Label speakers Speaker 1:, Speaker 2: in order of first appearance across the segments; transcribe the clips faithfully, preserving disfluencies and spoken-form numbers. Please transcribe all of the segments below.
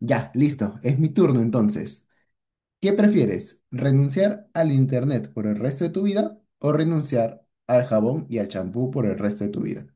Speaker 1: Ya, listo, es mi turno entonces. ¿Qué prefieres? ¿Renunciar al internet por el resto de tu vida o renunciar al jabón y al champú por el resto de tu vida?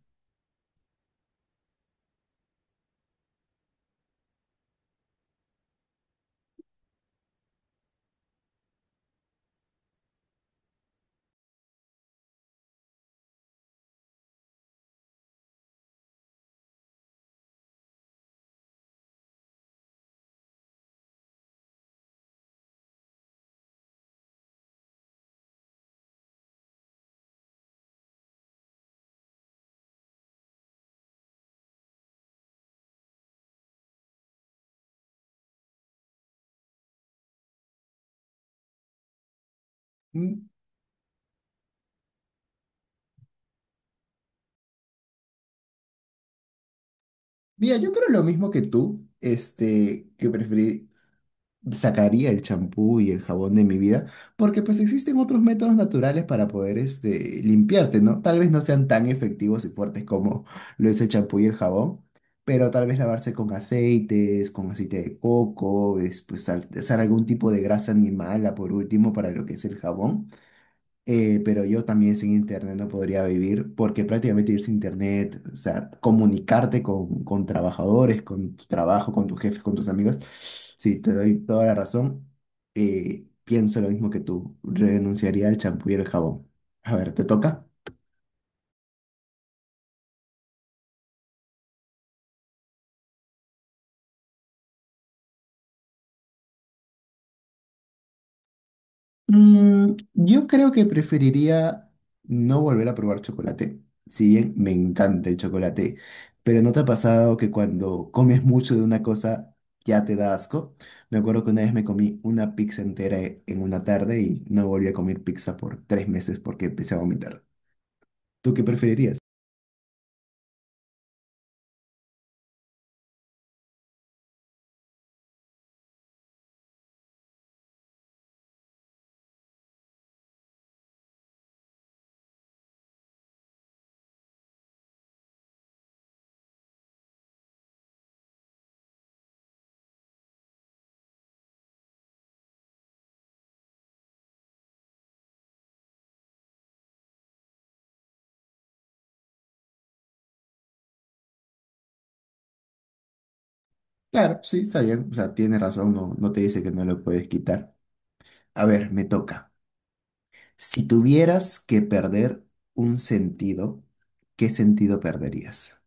Speaker 1: Mm, Mira, yo creo lo mismo que tú, este, que sacaría el champú y el jabón de mi vida, porque pues existen otros métodos naturales para poder este, limpiarte, ¿no? Tal vez no sean tan efectivos y fuertes como lo es el champú y el jabón, pero tal vez lavarse con aceites, con aceite de coco, es, pues, al- usar algún tipo de grasa animal, por último, para lo que es el jabón. Eh, pero yo también sin internet no podría vivir, porque prácticamente vivir sin internet, o sea, comunicarte con, con trabajadores, con tu trabajo, con tus jefes, con tus amigos, sí, te doy toda la razón. Eh, pienso lo mismo que tú, renunciaría al champú y el jabón. A ver, ¿te toca? Mm, yo creo que preferiría no volver a probar chocolate, si bien me encanta el chocolate, pero ¿no te ha pasado que cuando comes mucho de una cosa ya te da asco? Me acuerdo que una vez me comí una pizza entera e- en una tarde y no volví a comer pizza por tres meses porque empecé a vomitar. ¿Tú qué preferirías? Claro, sí, está bien, o sea, tienes razón, no, no te dice que no lo puedes quitar. A ver, me toca. Si tuvieras que perder un sentido, ¿qué sentido perderías?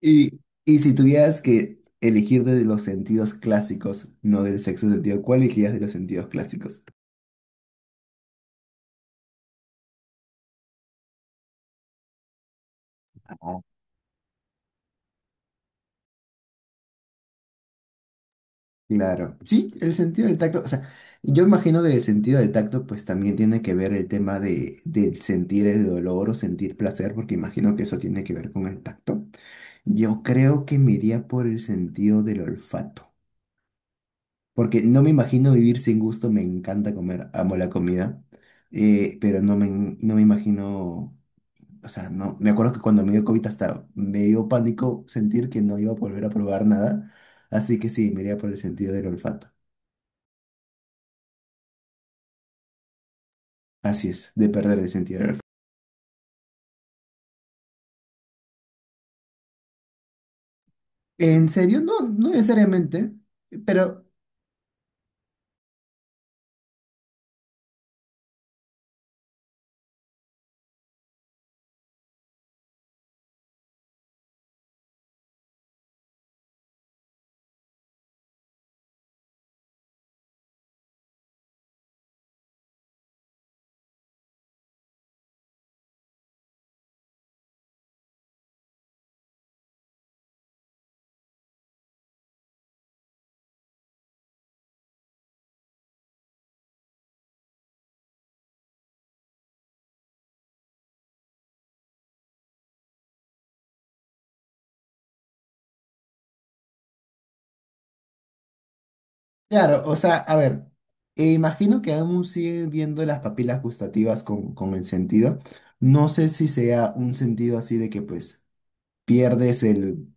Speaker 1: Y, y si tuvieras que elegir de los sentidos clásicos, no del sexo sentido, ¿cuál elegirías de los sentidos clásicos? Ah. Claro. Sí, el sentido del tacto, o sea, yo imagino que el sentido del tacto pues también tiene que ver el tema de, del sentir el dolor o sentir placer, porque imagino que eso tiene que ver con el tacto. Yo creo que me iría por el sentido del olfato, porque no me imagino vivir sin gusto, me encanta comer, amo la comida, eh, pero no me, no me imagino... O sea, no, me acuerdo que cuando me dio COVID hasta me dio pánico sentir que no iba a volver a probar nada. Así que sí, me iría por el sentido del olfato. Así es, de perder el sentido del olfato. ¿En serio? No, no necesariamente. Pero, claro, o sea, a ver, eh, imagino que aún siguen viendo las papilas gustativas con, con el sentido. No sé si sea un sentido así de que pues pierdes el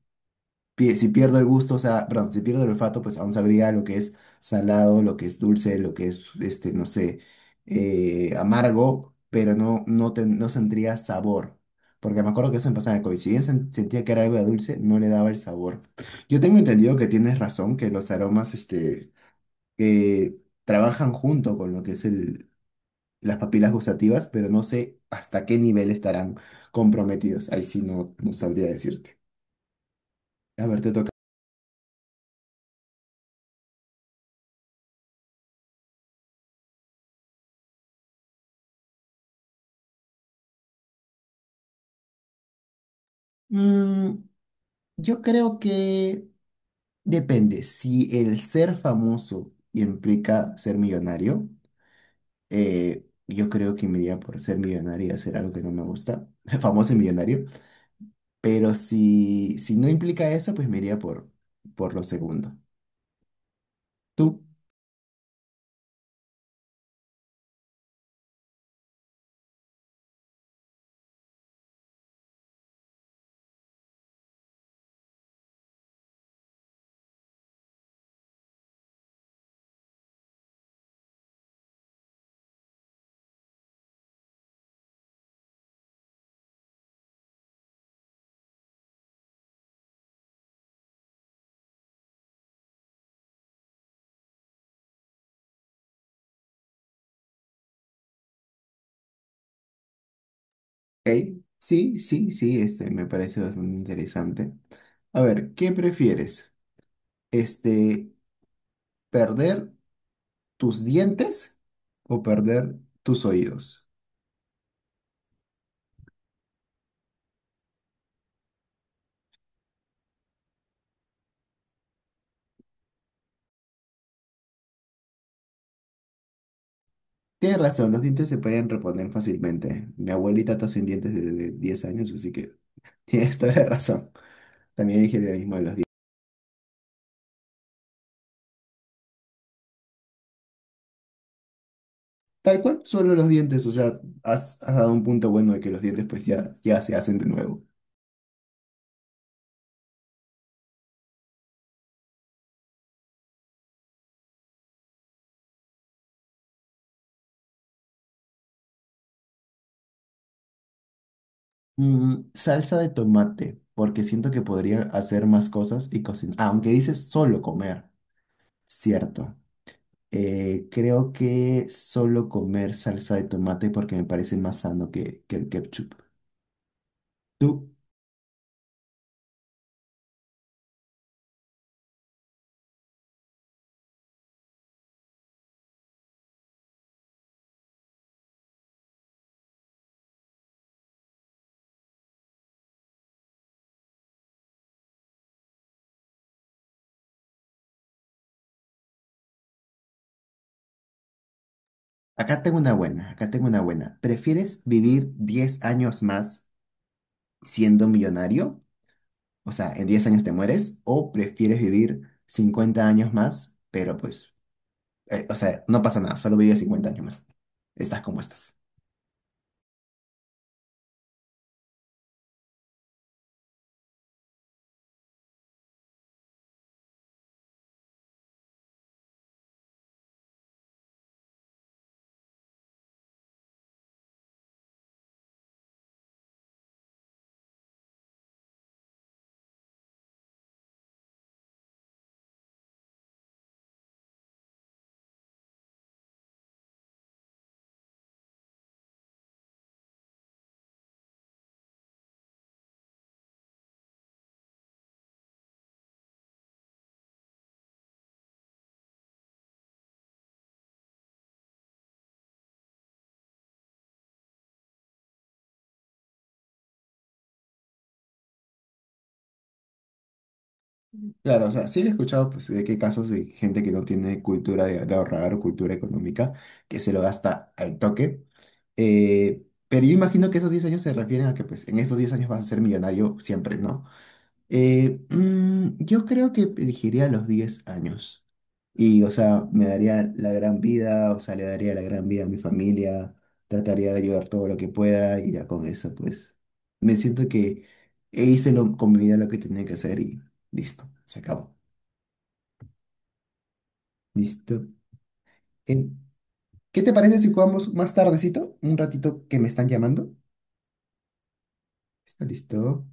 Speaker 1: pie- si pierdo el gusto, o sea, perdón, si pierdo el olfato, pues aún sabría lo que es salado, lo que es dulce, lo que es, este, no sé, eh, amargo, pero no, no, ten- no sentiría sabor. Porque me acuerdo que eso me pasaba en el COVID. Si bien sen- sentía que era algo de dulce, no le daba el sabor. Yo tengo entendido que tienes razón, que los aromas, este, que trabajan junto con lo que es el, las papilas gustativas, pero no sé hasta qué nivel estarán comprometidos. Ahí sí no, no sabría decirte. A ver, te toca. Yo creo que depende. Si el ser famoso implica ser millonario, eh, yo creo que me iría por ser millonario y hacer algo que no me gusta, famoso y millonario. Pero si, si no implica eso, pues me iría por, por lo segundo. ¿Tú? ¿Eh? Sí, sí, sí, este me parece bastante interesante. A ver, ¿qué prefieres? Este, ¿perder tus dientes o perder tus oídos? Tienes razón, los dientes se pueden reponer fácilmente. Mi abuelita está sin dientes desde diez años, así que tienes toda la razón. También dije lo mismo de los dientes. Tal cual, solo los dientes, o sea, has, has dado un punto bueno de que los dientes pues ya, ya se hacen de nuevo. Mm, salsa de tomate, porque siento que podría hacer más cosas y cocinar. Aunque dices solo comer, cierto. Eh, creo que solo comer salsa de tomate porque me parece más sano que, que el ketchup. ¿Tú? Acá tengo una buena, acá tengo una buena. ¿Prefieres vivir diez años más siendo millonario? O sea, en diez años te mueres, o prefieres vivir cincuenta años más, pero pues, eh, o sea, no pasa nada, solo vives cincuenta años más. Estás como estás. Claro, o sea, sí he escuchado pues, de qué casos de gente que no tiene cultura de, de ahorrar o cultura económica, que se lo gasta al toque. Eh, pero yo imagino que esos diez años se refieren a que pues en esos diez años vas a ser millonario siempre, ¿no? Eh, mm, yo creo que elegiría los diez años. Y, o sea, me daría la gran vida, o sea, le daría la gran vida a mi familia, trataría de ayudar todo lo que pueda y ya con eso, pues, me siento que hice lo- con mi vida lo que tenía que hacer y listo, se acabó. Listo. Eh, ¿Qué te parece si jugamos más tardecito? Un ratito que me están llamando. ¿Está listo?